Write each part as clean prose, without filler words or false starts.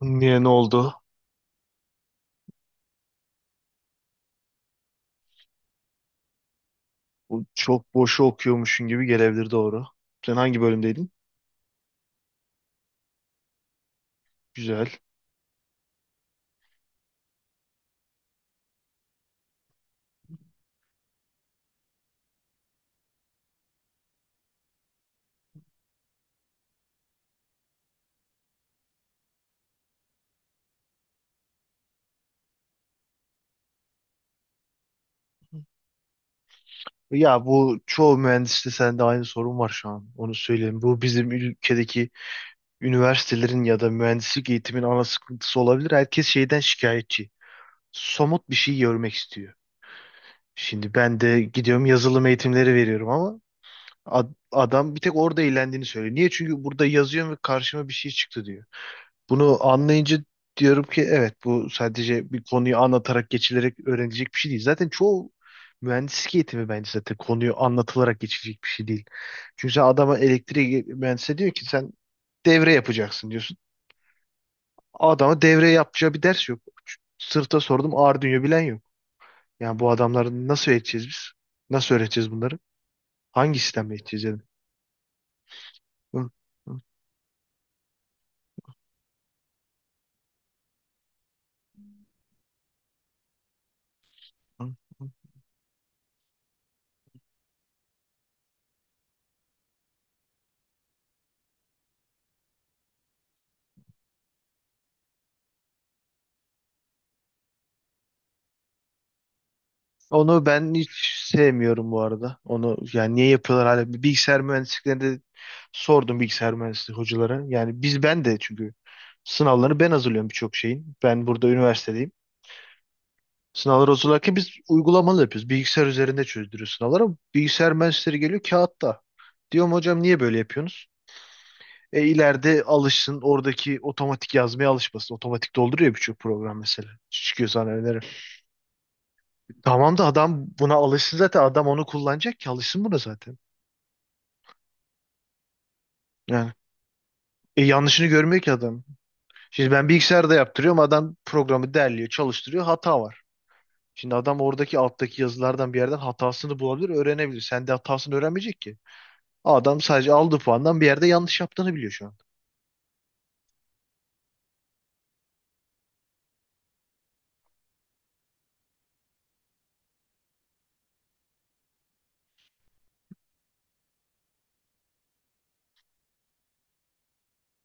Niye ne oldu? Bu çok boşu okuyormuşsun gibi gelebilir, doğru. Sen hangi bölümdeydin? Güzel. Ya bu çoğu mühendiste sende aynı sorun var şu an. Onu söyleyeyim. Bu bizim ülkedeki üniversitelerin ya da mühendislik eğitimin ana sıkıntısı olabilir. Herkes şeyden şikayetçi. Somut bir şey görmek istiyor. Şimdi ben de gidiyorum yazılım eğitimleri veriyorum ama adam bir tek orada eğlendiğini söylüyor. Niye? Çünkü burada yazıyorum ve karşıma bir şey çıktı diyor. Bunu anlayınca diyorum ki evet, bu sadece bir konuyu anlatarak geçilerek öğrenilecek bir şey değil. Zaten çoğu mühendislik eğitimi bence zaten konuyu anlatılarak geçilecek bir şey değil. Çünkü sen adama elektrik mühendisi diyor ki sen devre yapacaksın diyorsun. Adama devre yapacağı bir ders yok. Sırta sordum, Arduino bilen yok. Yani bu adamları nasıl öğreteceğiz biz? Nasıl öğreteceğiz bunları? Hangi sistemle eğiteceğiz yani? Hı, hı, hı. Onu ben hiç sevmiyorum bu arada. Onu yani niye yapıyorlar hala? Bilgisayar mühendisliklerinde sordum bilgisayar mühendisliği hocalara. Yani biz ben de çünkü sınavlarını ben hazırlıyorum birçok şeyin. Ben burada üniversitedeyim. Sınavları hazırlarken biz uygulamalı yapıyoruz. Bilgisayar üzerinde çözdürüyoruz sınavları. Ama bilgisayar mühendisleri geliyor kağıtta. Diyorum hocam niye böyle yapıyorsunuz? E ileride alışsın, oradaki otomatik yazmaya alışmasın. Otomatik dolduruyor birçok program mesela. Çıkıyor sana öneri. Tamam da adam buna alışsın zaten. Adam onu kullanacak ki alışsın buna zaten. Yani yanlışını görmüyor ki adam. Şimdi ben bilgisayarda yaptırıyorum. Adam programı derliyor, çalıştırıyor. Hata var. Şimdi adam oradaki alttaki yazılardan bir yerden hatasını bulabilir, öğrenebilir. Sen de hatasını öğrenmeyecek ki. Adam sadece aldığı puandan bir yerde yanlış yaptığını biliyor şu an.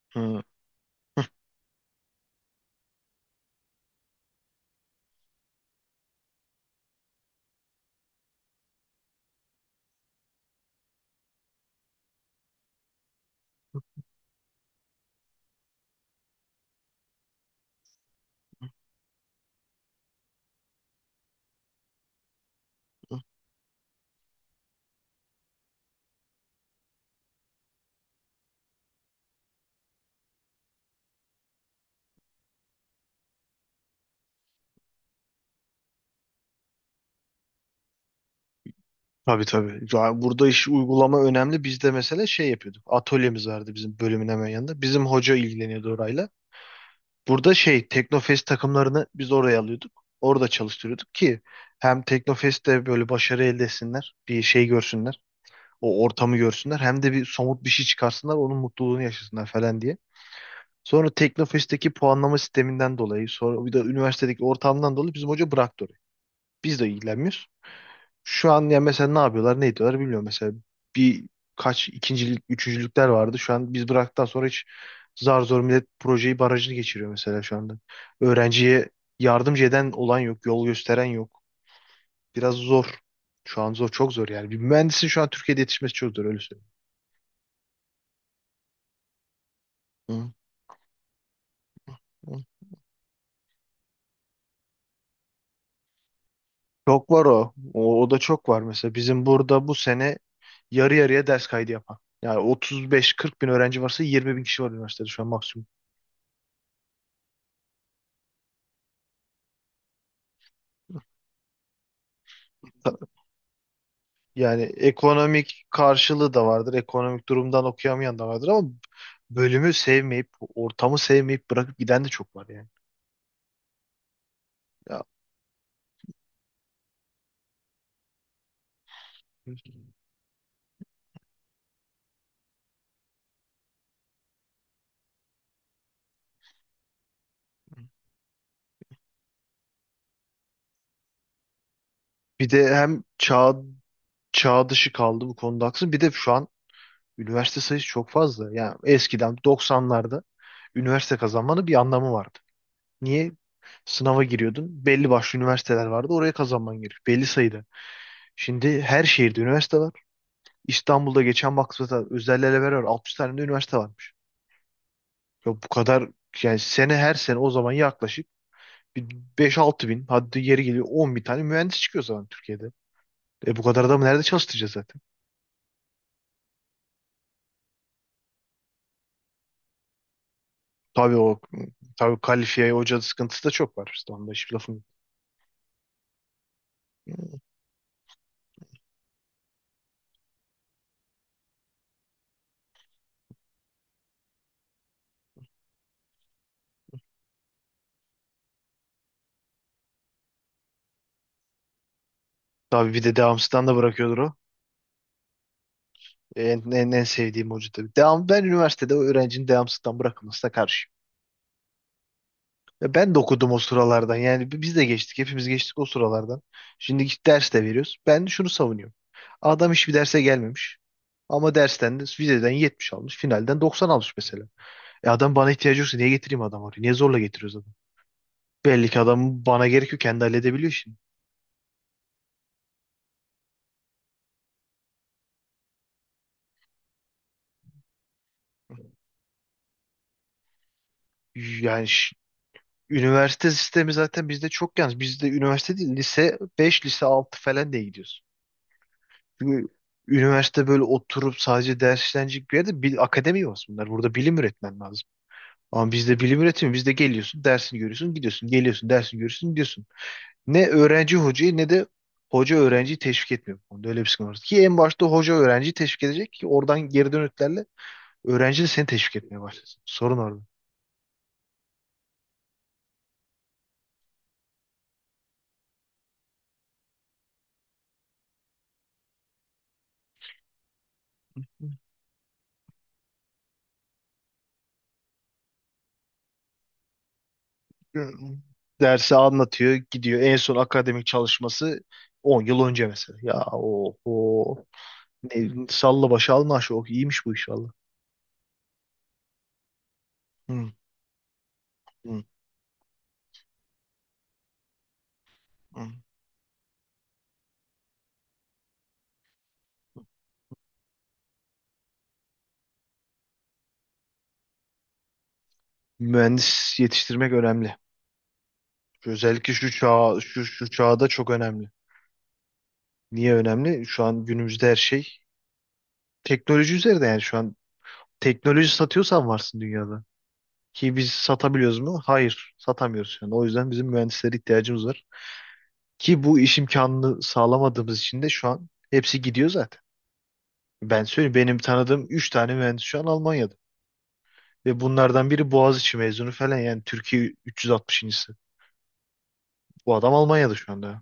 Hı. Tabii tabii. Ya burada iş uygulama önemli. Biz de mesela şey yapıyorduk. Atölyemiz vardı bizim bölümün hemen yanında. Bizim hoca ilgileniyordu orayla. Burada şey Teknofest takımlarını biz oraya alıyorduk. Orada çalıştırıyorduk ki hem Teknofest'te böyle başarı elde etsinler, bir şey görsünler, o ortamı görsünler, hem de bir somut bir şey çıkarsınlar, onun mutluluğunu yaşasınlar falan diye. Sonra Teknofest'teki puanlama sisteminden dolayı, sonra bir de üniversitedeki ortamdan dolayı bizim hoca bıraktı orayı. Biz de ilgilenmiyoruz. Şu an ya mesela ne yapıyorlar, ne ediyorlar bilmiyorum. Mesela bir kaç ikincilik, üçüncülükler vardı. Şu an biz bıraktıktan sonra hiç zar zor millet projeyi barajını geçiriyor mesela şu anda. Öğrenciye yardımcı eden olan yok, yol gösteren yok. Biraz zor. Şu an zor, çok zor yani. Bir mühendisin şu an Türkiye'de yetişmesi çok zor öyle söyleyeyim. Hı. Çok var o. O da çok var mesela. Bizim burada bu sene yarı yarıya ders kaydı yapan. Yani 35-40 bin öğrenci varsa 20 bin kişi var üniversitede şu an maksimum. Yani ekonomik karşılığı da vardır. Ekonomik durumdan okuyamayan da vardır ama bölümü sevmeyip, ortamı sevmeyip bırakıp giden de çok var yani. Ya, bir de çağ dışı kaldı bu konuda haklısın. Bir de şu an üniversite sayısı çok fazla. Yani eskiden 90'larda üniversite kazanmanın bir anlamı vardı. Niye? Sınava giriyordun. Belli başlı üniversiteler vardı. Oraya kazanman gerekiyor. Belli sayıda. Şimdi her şehirde üniversite var. İstanbul'da geçen baktığımda özel elever var. 60 tane de üniversite var. Ya bu kadar yani sene her sene o zaman yaklaşık bir beş altı bin, hadi yeri geliyor 10 bin tane mühendis çıkıyor o zaman Türkiye'de. E bu kadar adamı nerede çalıştıracağız zaten? Tabii o tabii kalifiye hoca sıkıntısı da çok var. İşte onda hiçbir lafım yok. Tabii bir de devamsızdan da bırakıyordur o. En sevdiğim hoca tabii. Ben üniversitede o öğrencinin devamsızdan bırakılmasına karşı. Ya ben de okudum o sıralardan. Yani biz de geçtik. Hepimiz geçtik o sıralardan. Şimdi git ders de veriyoruz. Ben şunu savunuyorum. Adam hiçbir derse gelmemiş. Ama dersten de vizeden 70 almış. Finalden 90 almış mesela. E adam bana ihtiyacı yoksa niye getireyim adam oraya? Niye zorla getiriyoruz adamı? Belli ki adam bana gerekiyor, kendi halledebiliyor şimdi. Yani üniversite sistemi zaten bizde çok yanlış. Bizde üniversite değil, lise 5, lise 6 falan diye gidiyoruz. Çünkü üniversite böyle oturup sadece ders işlenecek bir yerde bil, akademi yok bunlar. Burada bilim üretmen lazım. Ama bizde bilim üretimi. Bizde geliyorsun, dersini görüyorsun, gidiyorsun. Geliyorsun, dersini görüyorsun, gidiyorsun. Ne öğrenci hocayı ne de hoca öğrenciyi teşvik etmiyor bu konuda. Öyle bir sıkıntı var. Ki en başta hoca öğrenciyi teşvik edecek ki oradan geri dönütlerle öğrenci de seni teşvik etmeye başlasın. Sorun orada. Dersi anlatıyor, gidiyor. En son akademik çalışması 10 yıl önce mesela. Ya o ne, salla başa alma aşağı. Oh, iyiymiş bu iş valla. Hı, hı, hı. Mühendis yetiştirmek önemli. Özellikle şu çağda çok önemli. Niye önemli? Şu an günümüzde her şey teknoloji üzerinde, yani şu an teknoloji satıyorsan varsın dünyada. Ki biz satabiliyoruz mu? Hayır, satamıyoruz şu an. O yüzden bizim mühendislere ihtiyacımız var. Ki bu iş imkanını sağlamadığımız için de şu an hepsi gidiyor zaten. Ben söyleyeyim, benim tanıdığım 3 tane mühendis şu an Almanya'da. Ve bunlardan biri Boğaziçi mezunu falan, yani Türkiye 360.'sı. Bu adam Almanya'da şu anda.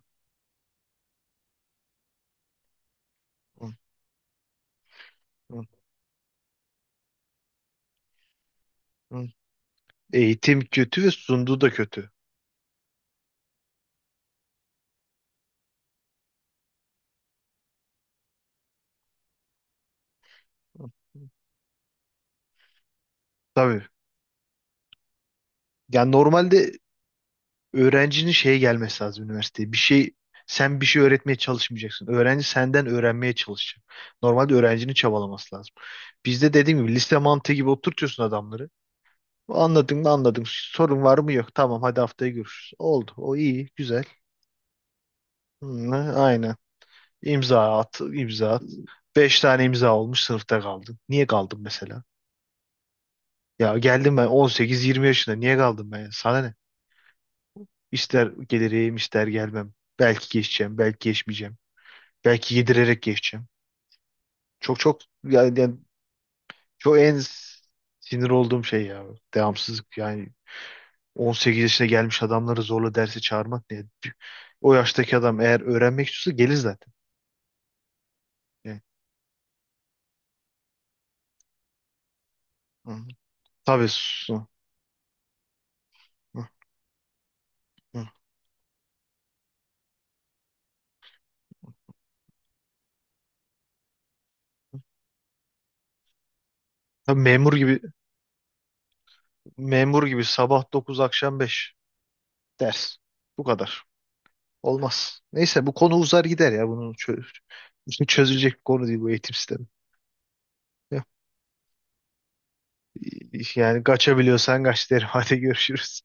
Hı, hı, hı. Eğitim kötü ve sunduğu da kötü. Hı. Tabii. Yani normalde öğrencinin şeye gelmesi lazım üniversiteye. Bir şey sen bir şey öğretmeye çalışmayacaksın. Öğrenci senden öğrenmeye çalışacak. Normalde öğrencinin çabalaması lazım. Bizde dediğim gibi liste mantığı gibi oturtuyorsun adamları. Anladın mı anladın. Sorun var mı yok. Tamam hadi haftaya görüşürüz. Oldu. O iyi. Güzel. Hı, aynen. İmza at. İmza at. Beş tane imza olmuş, sınıfta kaldın. Niye kaldın mesela? Ya geldim ben 18-20 yaşında. Niye kaldım ben? Sana ne? İster gelirim, ister gelmem. Belki geçeceğim, belki geçmeyeceğim. Belki yedirerek geçeceğim. Çok çok yani çok en sinir olduğum şey ya. Devamsızlık yani 18 yaşına gelmiş adamları zorla derse çağırmak ne? O yaştaki adam eğer öğrenmek istiyorsa gelir zaten. Yani, hı. Hı. Tabii. Hı, hı. Tabii memur gibi sabah 9, akşam 5. Ders. Bu kadar. Olmaz. Neyse bu konu uzar gider ya. Bunun çözülecek bir konu değil bu eğitim sistemi. Yok, yani kaçabiliyorsan kaç derim. Hadi görüşürüz.